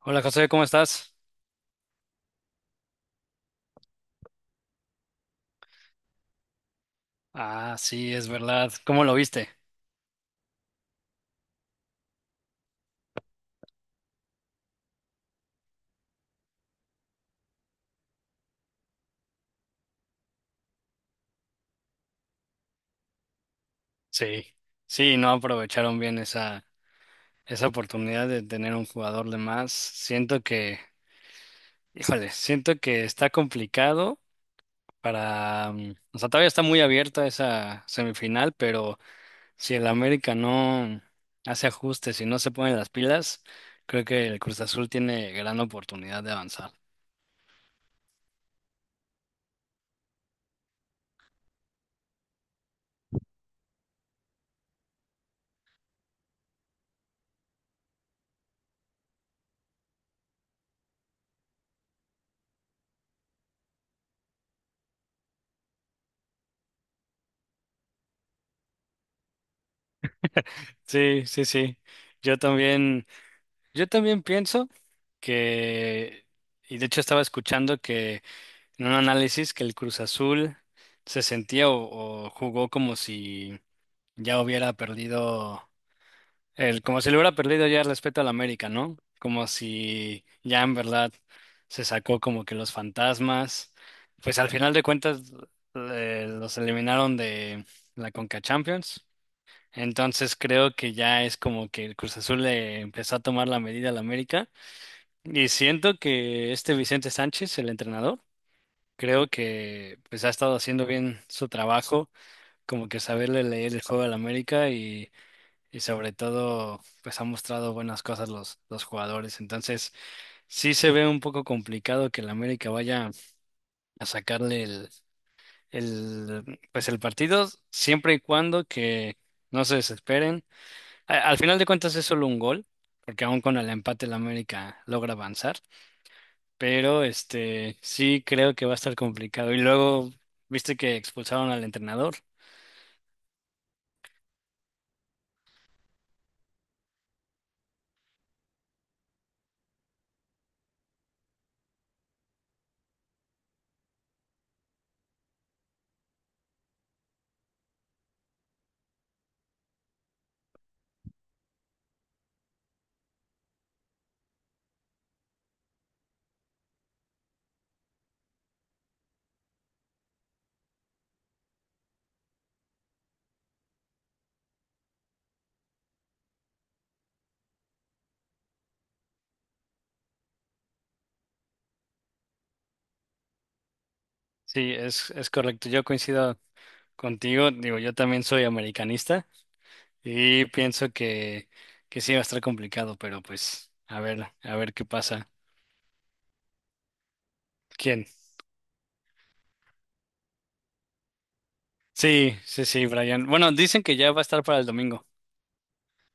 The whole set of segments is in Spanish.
Hola José, ¿cómo estás? Ah, sí, es verdad. ¿Cómo lo viste? Sí. Sí, no aprovecharon bien esa oportunidad de tener un jugador de más. Siento que, híjole, siento que está complicado para, o sea, todavía está muy abierta esa semifinal, pero si el América no hace ajustes y no se pone las pilas, creo que el Cruz Azul tiene gran oportunidad de avanzar. Sí, sí, sí. Yo también. Yo también pienso que, y de hecho estaba escuchando que en un análisis que el Cruz Azul se sentía o jugó como si ya hubiera perdido, el, como si le hubiera perdido ya el respeto al América, ¿no? Como si ya en verdad se sacó como que los fantasmas, pues al final de cuentas los eliminaron de la Conca Champions. Entonces creo que ya es como que el Cruz Azul le empezó a tomar la medida al América. Y siento que este Vicente Sánchez, el entrenador, creo que pues ha estado haciendo bien su trabajo, como que saberle leer el juego al América y sobre todo pues ha mostrado buenas cosas los jugadores. Entonces sí se ve un poco complicado que el América vaya a sacarle el pues el partido siempre y cuando que no se desesperen. Al final de cuentas es solo un gol, porque aún con el empate el América logra avanzar. Pero este sí creo que va a estar complicado. Y luego, viste que expulsaron al entrenador. Sí, es correcto. Yo coincido contigo. Digo, yo también soy americanista y pienso que sí va a estar complicado, pero pues a ver qué pasa. ¿Quién? Sí, sí, sí, Brian. Bueno, dicen que ya va a estar para el domingo.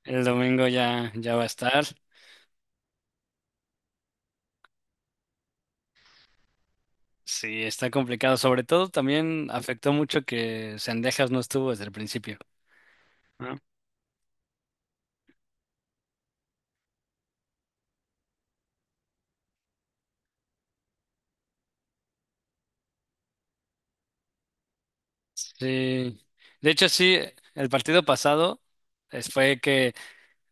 El domingo ya, ya va a estar. Sí, está complicado. Sobre todo también afectó mucho que Sendejas no estuvo desde el principio. Sí, de hecho sí, el partido pasado fue que,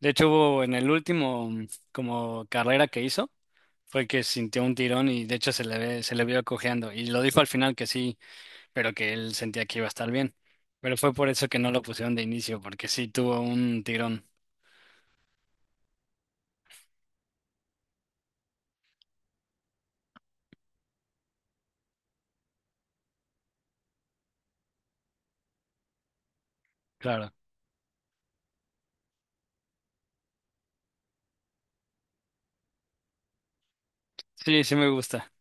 de hecho hubo en el último como carrera que hizo, fue que sintió un tirón y de hecho se le ve, se le vio cojeando y lo dijo al final que sí, pero que él sentía que iba a estar bien, pero fue por eso que no lo pusieron de inicio, porque sí tuvo un tirón, claro. Sí, sí me gusta.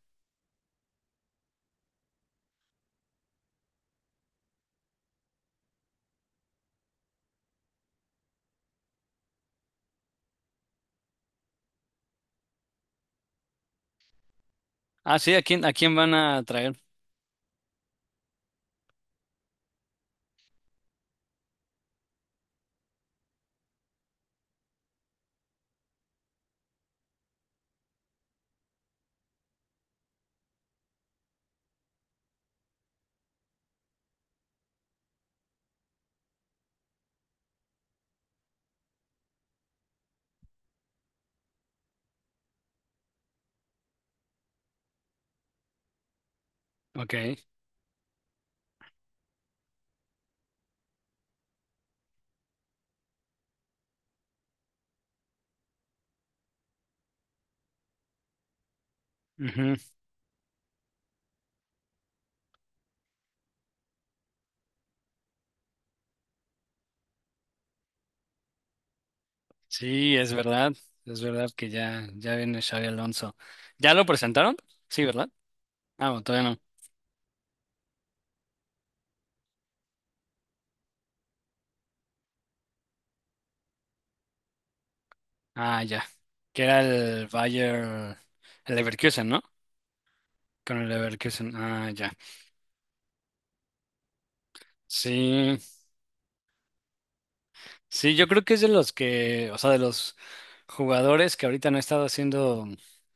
Ah, sí, a quién van a traer? Ok. Ujú. Sí, es verdad que ya, ya viene Xavi Alonso. ¿Ya lo presentaron? Sí, ¿verdad? Ah, no, todavía no. Ah, ya. Que era el Bayer, el Leverkusen, ¿no? Con el Leverkusen. Ah, ya. Sí, sí, yo creo que es de los que, o sea, de los jugadores que ahorita no han estado siendo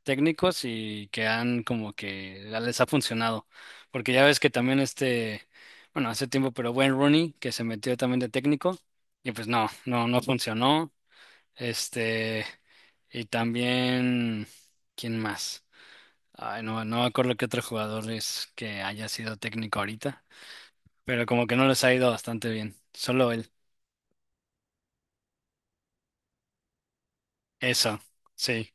técnicos y que han como que ya les ha funcionado. Porque ya ves que también este, bueno, hace tiempo, pero Wayne Rooney, que se metió también de técnico, y pues no, no, no funcionó. Este, y también, ¿quién más? Ay, no, no me acuerdo qué otro jugador es que haya sido técnico ahorita, pero como que no les ha ido bastante bien. Solo él. Eso, sí,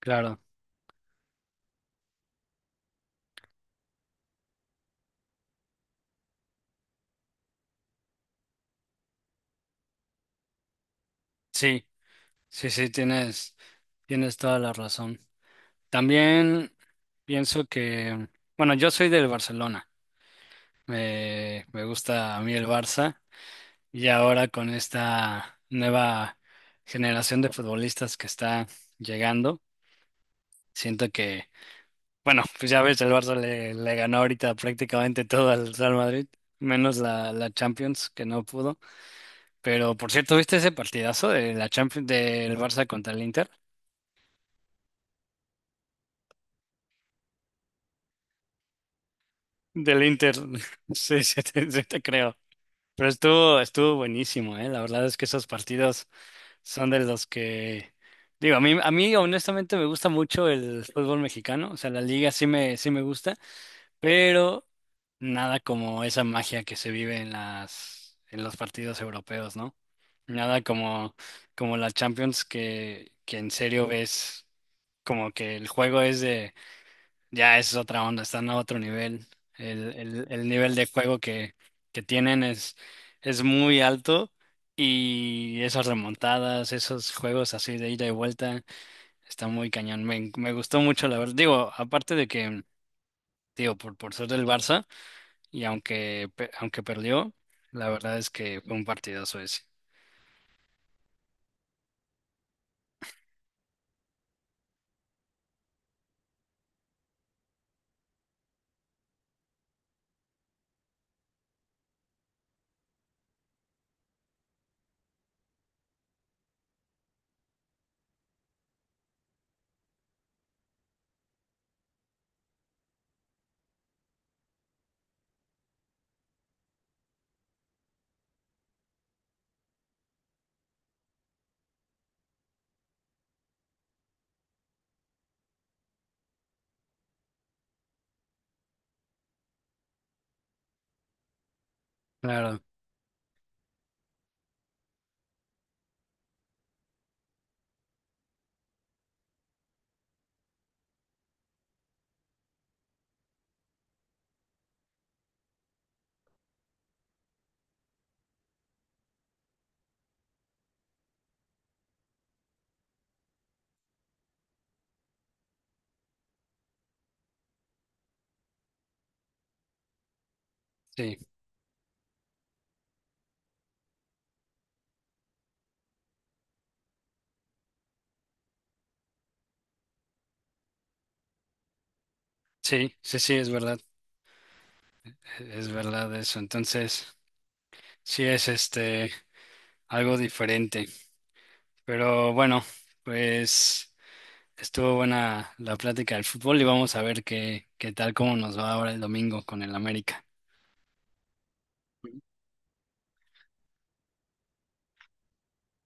claro. Sí, sí, sí, tienes, tienes toda la razón. También pienso que, bueno, yo soy del Barcelona. Me gusta a mí el Barça y ahora con esta nueva generación de futbolistas que está llegando, siento que bueno, pues ya ves, el Barça le ganó ahorita prácticamente todo al Real Madrid, menos la Champions, que no pudo. Pero por cierto, ¿viste ese partidazo de la Champions del Barça contra el Inter? Del Inter, sí, sí te creo. Pero estuvo, estuvo buenísimo, ¿eh? La verdad es que esos partidos son de los que, digo, a mí honestamente me gusta mucho el fútbol mexicano, o sea, la liga sí me gusta. Pero nada como esa magia que se vive en las en los partidos europeos, ¿no? Nada como como la Champions que en serio ves como que el juego es de ya es otra onda, están a otro nivel. El nivel de juego que tienen es muy alto y esas remontadas, esos juegos así de ida y vuelta, está muy cañón. Me gustó mucho la verdad. Digo, aparte de que, digo, por ser del Barça y aunque, aunque perdió, la verdad es que fue un partidazo ese. Claro, sí, sí, sí, sí, es verdad, e, es verdad eso. Entonces, sí es este algo diferente. Pero bueno, pues estuvo buena la plática del fútbol y vamos a ver qué, qué tal, cómo nos va ahora el domingo con el América.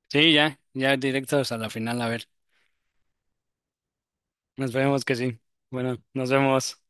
Sí, ya, ya directos a la final, a ver. Nos vemos que sí. Bueno, nos vemos.